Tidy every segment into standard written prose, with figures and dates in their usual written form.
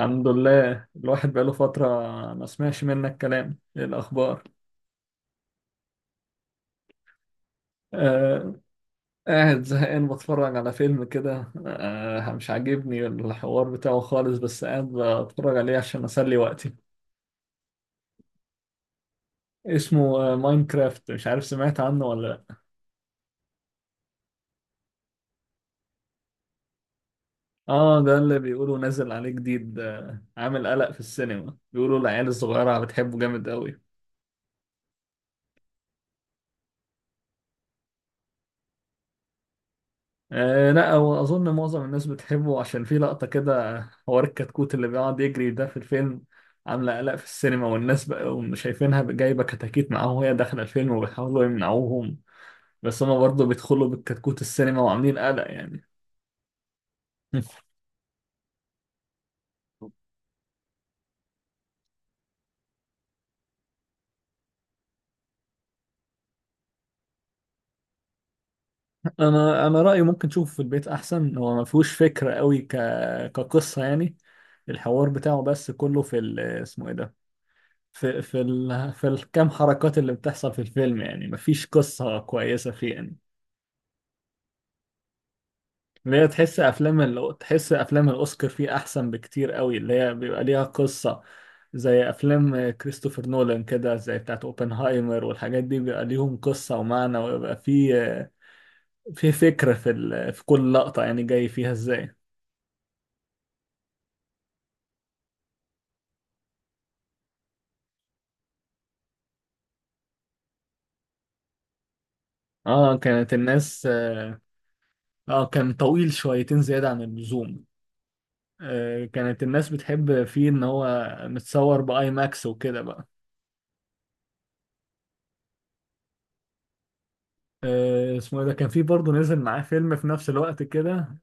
الحمد لله الواحد بقاله فترة ما سمعش منك كلام، ايه الأخبار؟ آه قاعد زهقان بتفرج على فيلم كده، آه مش عاجبني الحوار بتاعه خالص، بس قاعد بتفرج عليه عشان أسلي وقتي. اسمه آه ماينكرافت، مش عارف سمعت عنه ولا لأ. اه ده اللي بيقولوا نازل عليه جديد، آه عامل قلق في السينما، بيقولوا العيال الصغيرة بتحبه جامد قوي. آه لا هو أظن معظم الناس بتحبه عشان في لقطة كده، حوار الكتكوت اللي بيقعد يجري ده في الفيلم، عاملة قلق في السينما والناس بقى شايفينها جايبة كتاكيت معاهم وهي داخلة الفيلم وبيحاولوا يمنعوهم، بس هما برضه بيدخلوا بالكتكوت السينما وعاملين قلق يعني. أنا رأيي ممكن تشوفه في البيت أحسن، هو ما فيهوش فكرة قوي كقصة يعني. الحوار بتاعه بس كله في اسمه إيه ده، في الكام حركات اللي بتحصل في الفيلم، يعني مفيش قصة كويسة فيه يعني. اللي هي تحس تحس افلام الاوسكار فيه احسن بكتير قوي، اللي هي بيبقى ليها قصة، زي افلام كريستوفر نولان كده، زي بتاعت اوبنهايمر والحاجات دي بيبقى ليهم قصة ومعنى، ويبقى في فكرة في في كل لقطة يعني جاي فيها ازاي. اه كانت الناس اه. كان طويل شويتين زيادة عن اللزوم. كانت الناس بتحب فيه ان هو متصور باي ماكس وكده بقى. اسمه ايه ده، كان في برضه نزل معاه فيلم في نفس الوقت كده.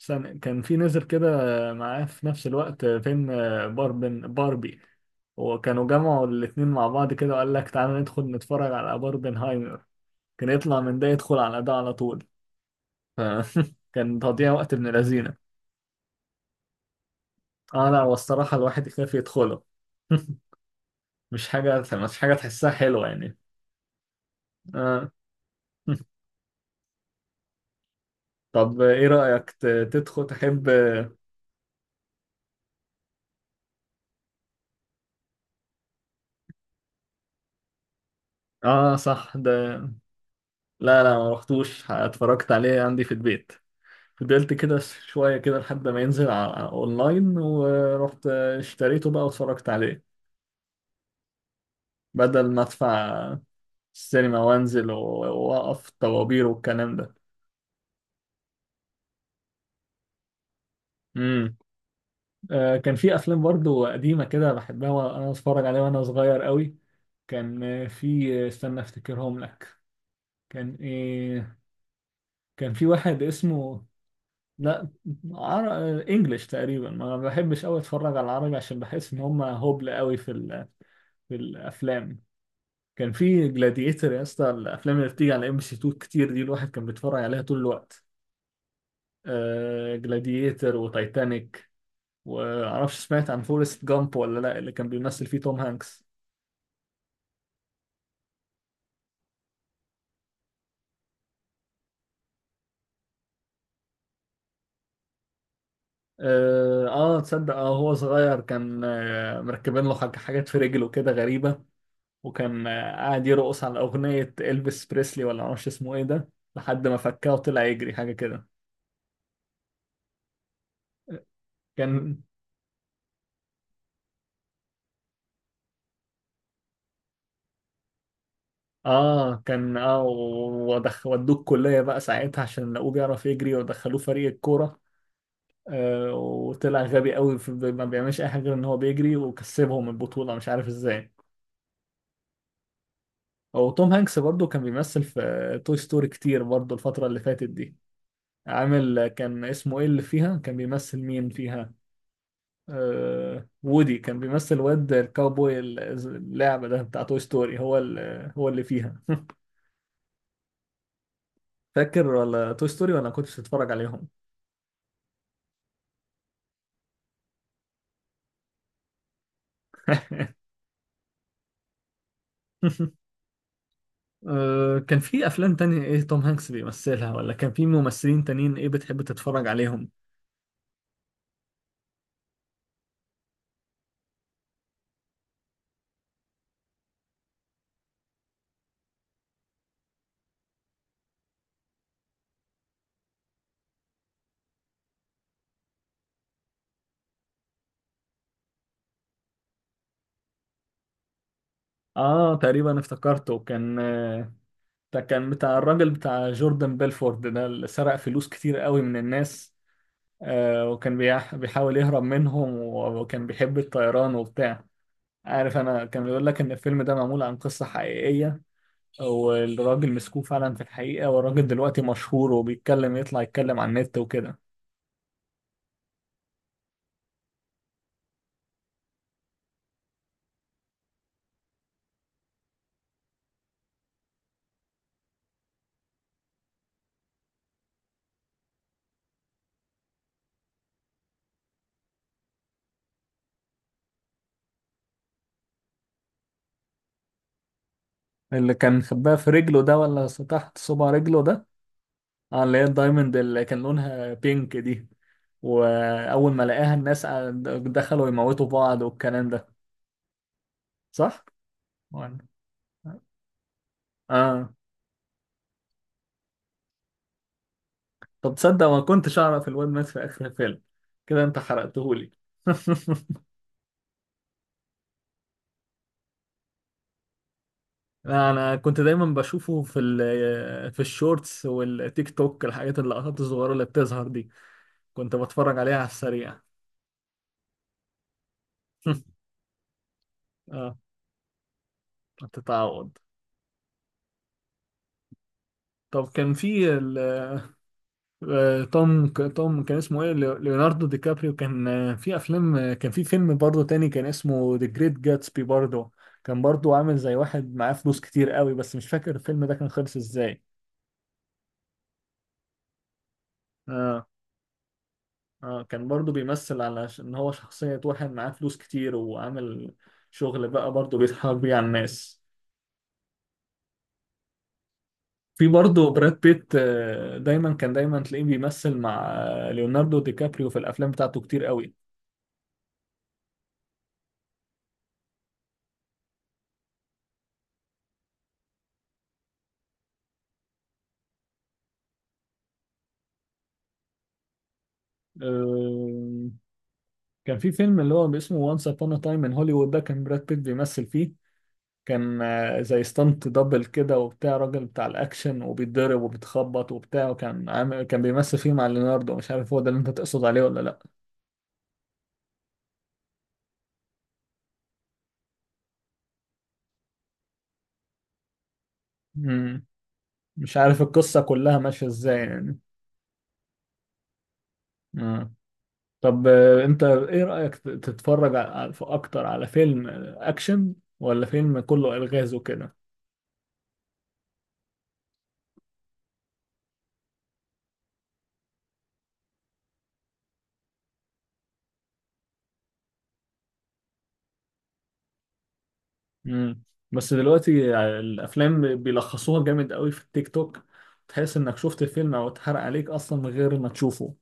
استنى، كان في نزل كده معاه في نفس الوقت فيلم باربن باربي، وكانوا جمعوا الاتنين مع بعض كده وقال لك تعالى ندخل نتفرج على باربنهايمر، كان يطلع من ده يدخل على ده على طول. ف- كان تضييع وقت ابن لذينه. اه لا، والصراحة الواحد يخاف يدخله. مش حاجة تحسها حلوة يعني. آه. طب ايه رأيك تدخل تحب؟ اه صح ده. لا لا، ما رحتوش، اتفرجت عليه عندي في البيت، فضلت كده شوية كده لحد ما ينزل على على أونلاين، ورحت اشتريته بقى واتفرجت عليه، بدل ما أدفع السينما وأقف طوابير والكلام ده. امم. آه كان في أفلام برضو قديمة كده بحبها وأنا أتفرج عليها وأنا صغير قوي. كان في استنى أفتكرهم لك. كان إيه، كان في واحد اسمه، لا عر... آه، إنجليش تقريبا، ما بحبش قوي أتفرج على العربي عشان بحس إن هما هبل قوي في في الأفلام. كان في جلاديتر يا اسطى، الافلام اللي بتيجي على ام سي 2 كتير دي الواحد كان بيتفرج عليها طول الوقت، آه جلاديتر وتايتانيك، ومعرفش سمعت عن فورست جامب ولا لا اللي كان بيمثل فيه توم هانكس. اه تصدق اه هو صغير كان آه مركبين له حاجات في رجله كده غريبة، وكان آه قاعد يرقص على أغنية إلفيس بريسلي ولا معرفش اسمه ايه ده، لحد ما فكاه وطلع يجري حاجة كده. كان اه كان اه ودخ ودوه الكلية بقى ساعتها عشان لقوه بيعرف يجري، ودخلوه فريق الكورة. آه وطلع غبي قوي، في ما بيعملش اي حاجة غير ان هو بيجري وكسبهم البطولة مش عارف ازاي. وتوم هانكس برضو كان بيمثل في توي ستوري كتير برضو الفترة اللي فاتت دي. عامل كان اسمه ايه اللي فيها، كان بيمثل مين فيها؟ آه وودي، كان بيمثل واد الكاوبوي اللعبة ده بتاع توي ستوري، هو هو اللي فيها. فاكر ولا توي ستوري ولا كنت بتتفرج عليهم؟ كان في افلام تانية ايه توم هانكس بيمثلها، ولا كان في ممثلين تانيين ايه بتحب تتفرج عليهم؟ اه تقريبا افتكرته، كان ده كان بتاع الراجل بتاع جوردن بيلفورد ده، اللي سرق فلوس كتير قوي من الناس. وكان بيحاول يهرب منهم، وكان بيحب الطيران وبتاع. عارف انا كان بيقول لك ان الفيلم ده معمول عن قصة حقيقية، والراجل مسكوه فعلا في الحقيقة، والراجل دلوقتي مشهور وبيتكلم، يطلع يتكلم على النت وكده. اللي كان خباها في رجله ده ولا تحت صبع رجله ده؟ اه اللي هي الدايموند اللي كان لونها بينك دي. واول ما لقاها الناس دخلوا يموتوا بعض والكلام ده، صح؟ ولا اه. طب تصدق ما كنتش اعرف الواد مات في اخر الفيلم؟ كده انت حرقتهولي. لا، انا كنت دايما بشوفه في في الشورتس والتيك توك، الحاجات اللقطات الصغيره اللي بتظهر دي، كنت بتفرج عليها على السريع. اه بتتعوض. طب كان في آه، توم كان اسمه ايه، ليوناردو دي كابريو، كان في افلام، كان في فيلم برضه تاني كان اسمه ذا جريت جاتسبي برضه. كان برضه عامل زي واحد معاه فلوس كتير قوي، بس مش فاكر الفيلم ده كان خلص ازاي. اه اه كان برضه بيمثل على ان هو شخصية واحد معاه فلوس كتير وعامل شغل بقى برضه بيتحرك بيه على الناس. في برضه براد بيت، دايما كان تلاقيه بيمثل مع ليوناردو دي كابريو في الافلام بتاعته كتير قوي. آه، كان في فيلم اللي هو اسمه وانس ابون تايم ان هوليوود ده، كان براد بيت بيمثل فيه، كان زي ستانت دبل كده وبتاع، راجل بتاع الاكشن وبيتضرب وبيتخبط وبتاع، وكان عامل كان بيمثل فيه مع ليوناردو. مش عارف هو ده اللي انت تقصد عليه ولا لا. مم. مش عارف القصة كلها ماشية ازاي يعني. مم. طب انت ايه رأيك تتفرج اكتر على فيلم اكشن ولا فيلم كله الغاز وكده؟ مم. بس دلوقتي الافلام بيلخصوها جامد قوي في التيك توك، تحس انك شفت الفيلم او اتحرق عليك اصلا من غير ما تشوفه.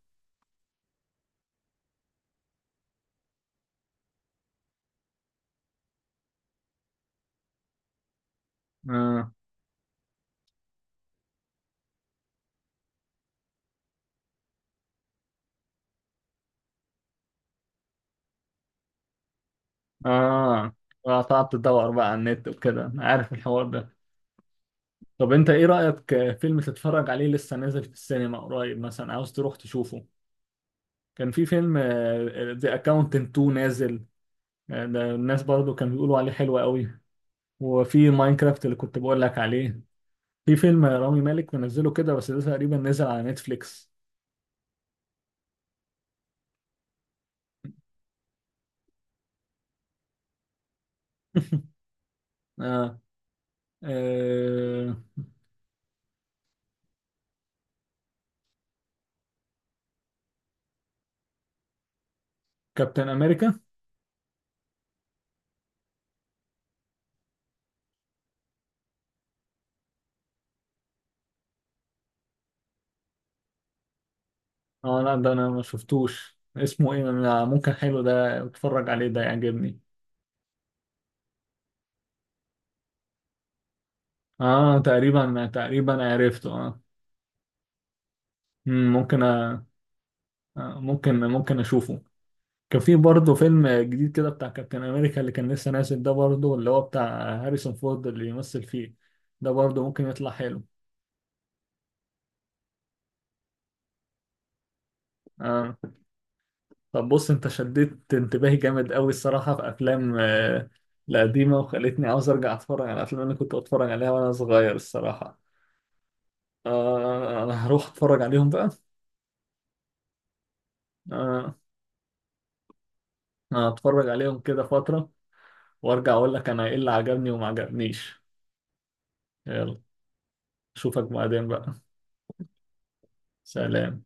اه. اه قعدت تدور بقى على النت وكده، أنا عارف الحوار ده. طب انت ايه رأيك فيلم تتفرج عليه لسه نازل في السينما قريب، مثلا عاوز تروح تشوفه؟ كان في فيلم ذا اكاونتنت 2 نازل، ده الناس برضو كانوا بيقولوا عليه حلو قوي. وفي ماينكرافت اللي كنت بقول لك عليه. في فيلم رامي مالك منزله كده بس ده تقريبا نزل على نتفليكس. آه. آه. كابتن امريكا؟ اه لا ده انا ما شفتوش، اسمه ايه، أنا ممكن حلو ده، اتفرج عليه ده يعجبني. اه تقريبا تقريبا عرفته اه. مم، آه، ممكن اشوفه. كان في برضه فيلم جديد كده بتاع كابتن امريكا اللي كان لسه نازل ده برضه، اللي هو بتاع هاريسون فورد اللي يمثل فيه، ده برضه ممكن يطلع حلو. آه. طب بص، انت شديت انتباهي جامد قوي الصراحة في افلام، القديمة، وخلتني عاوز ارجع اتفرج على افلام اللي كنت بتفرج عليها وانا صغير الصراحة. آه انا هروح اتفرج عليهم بقى. آه أنا هتفرج عليهم كده فترة، وارجع اقول لك انا ايه اللي عجبني وما عجبنيش. يلا اشوفك بعدين بقى. سلام.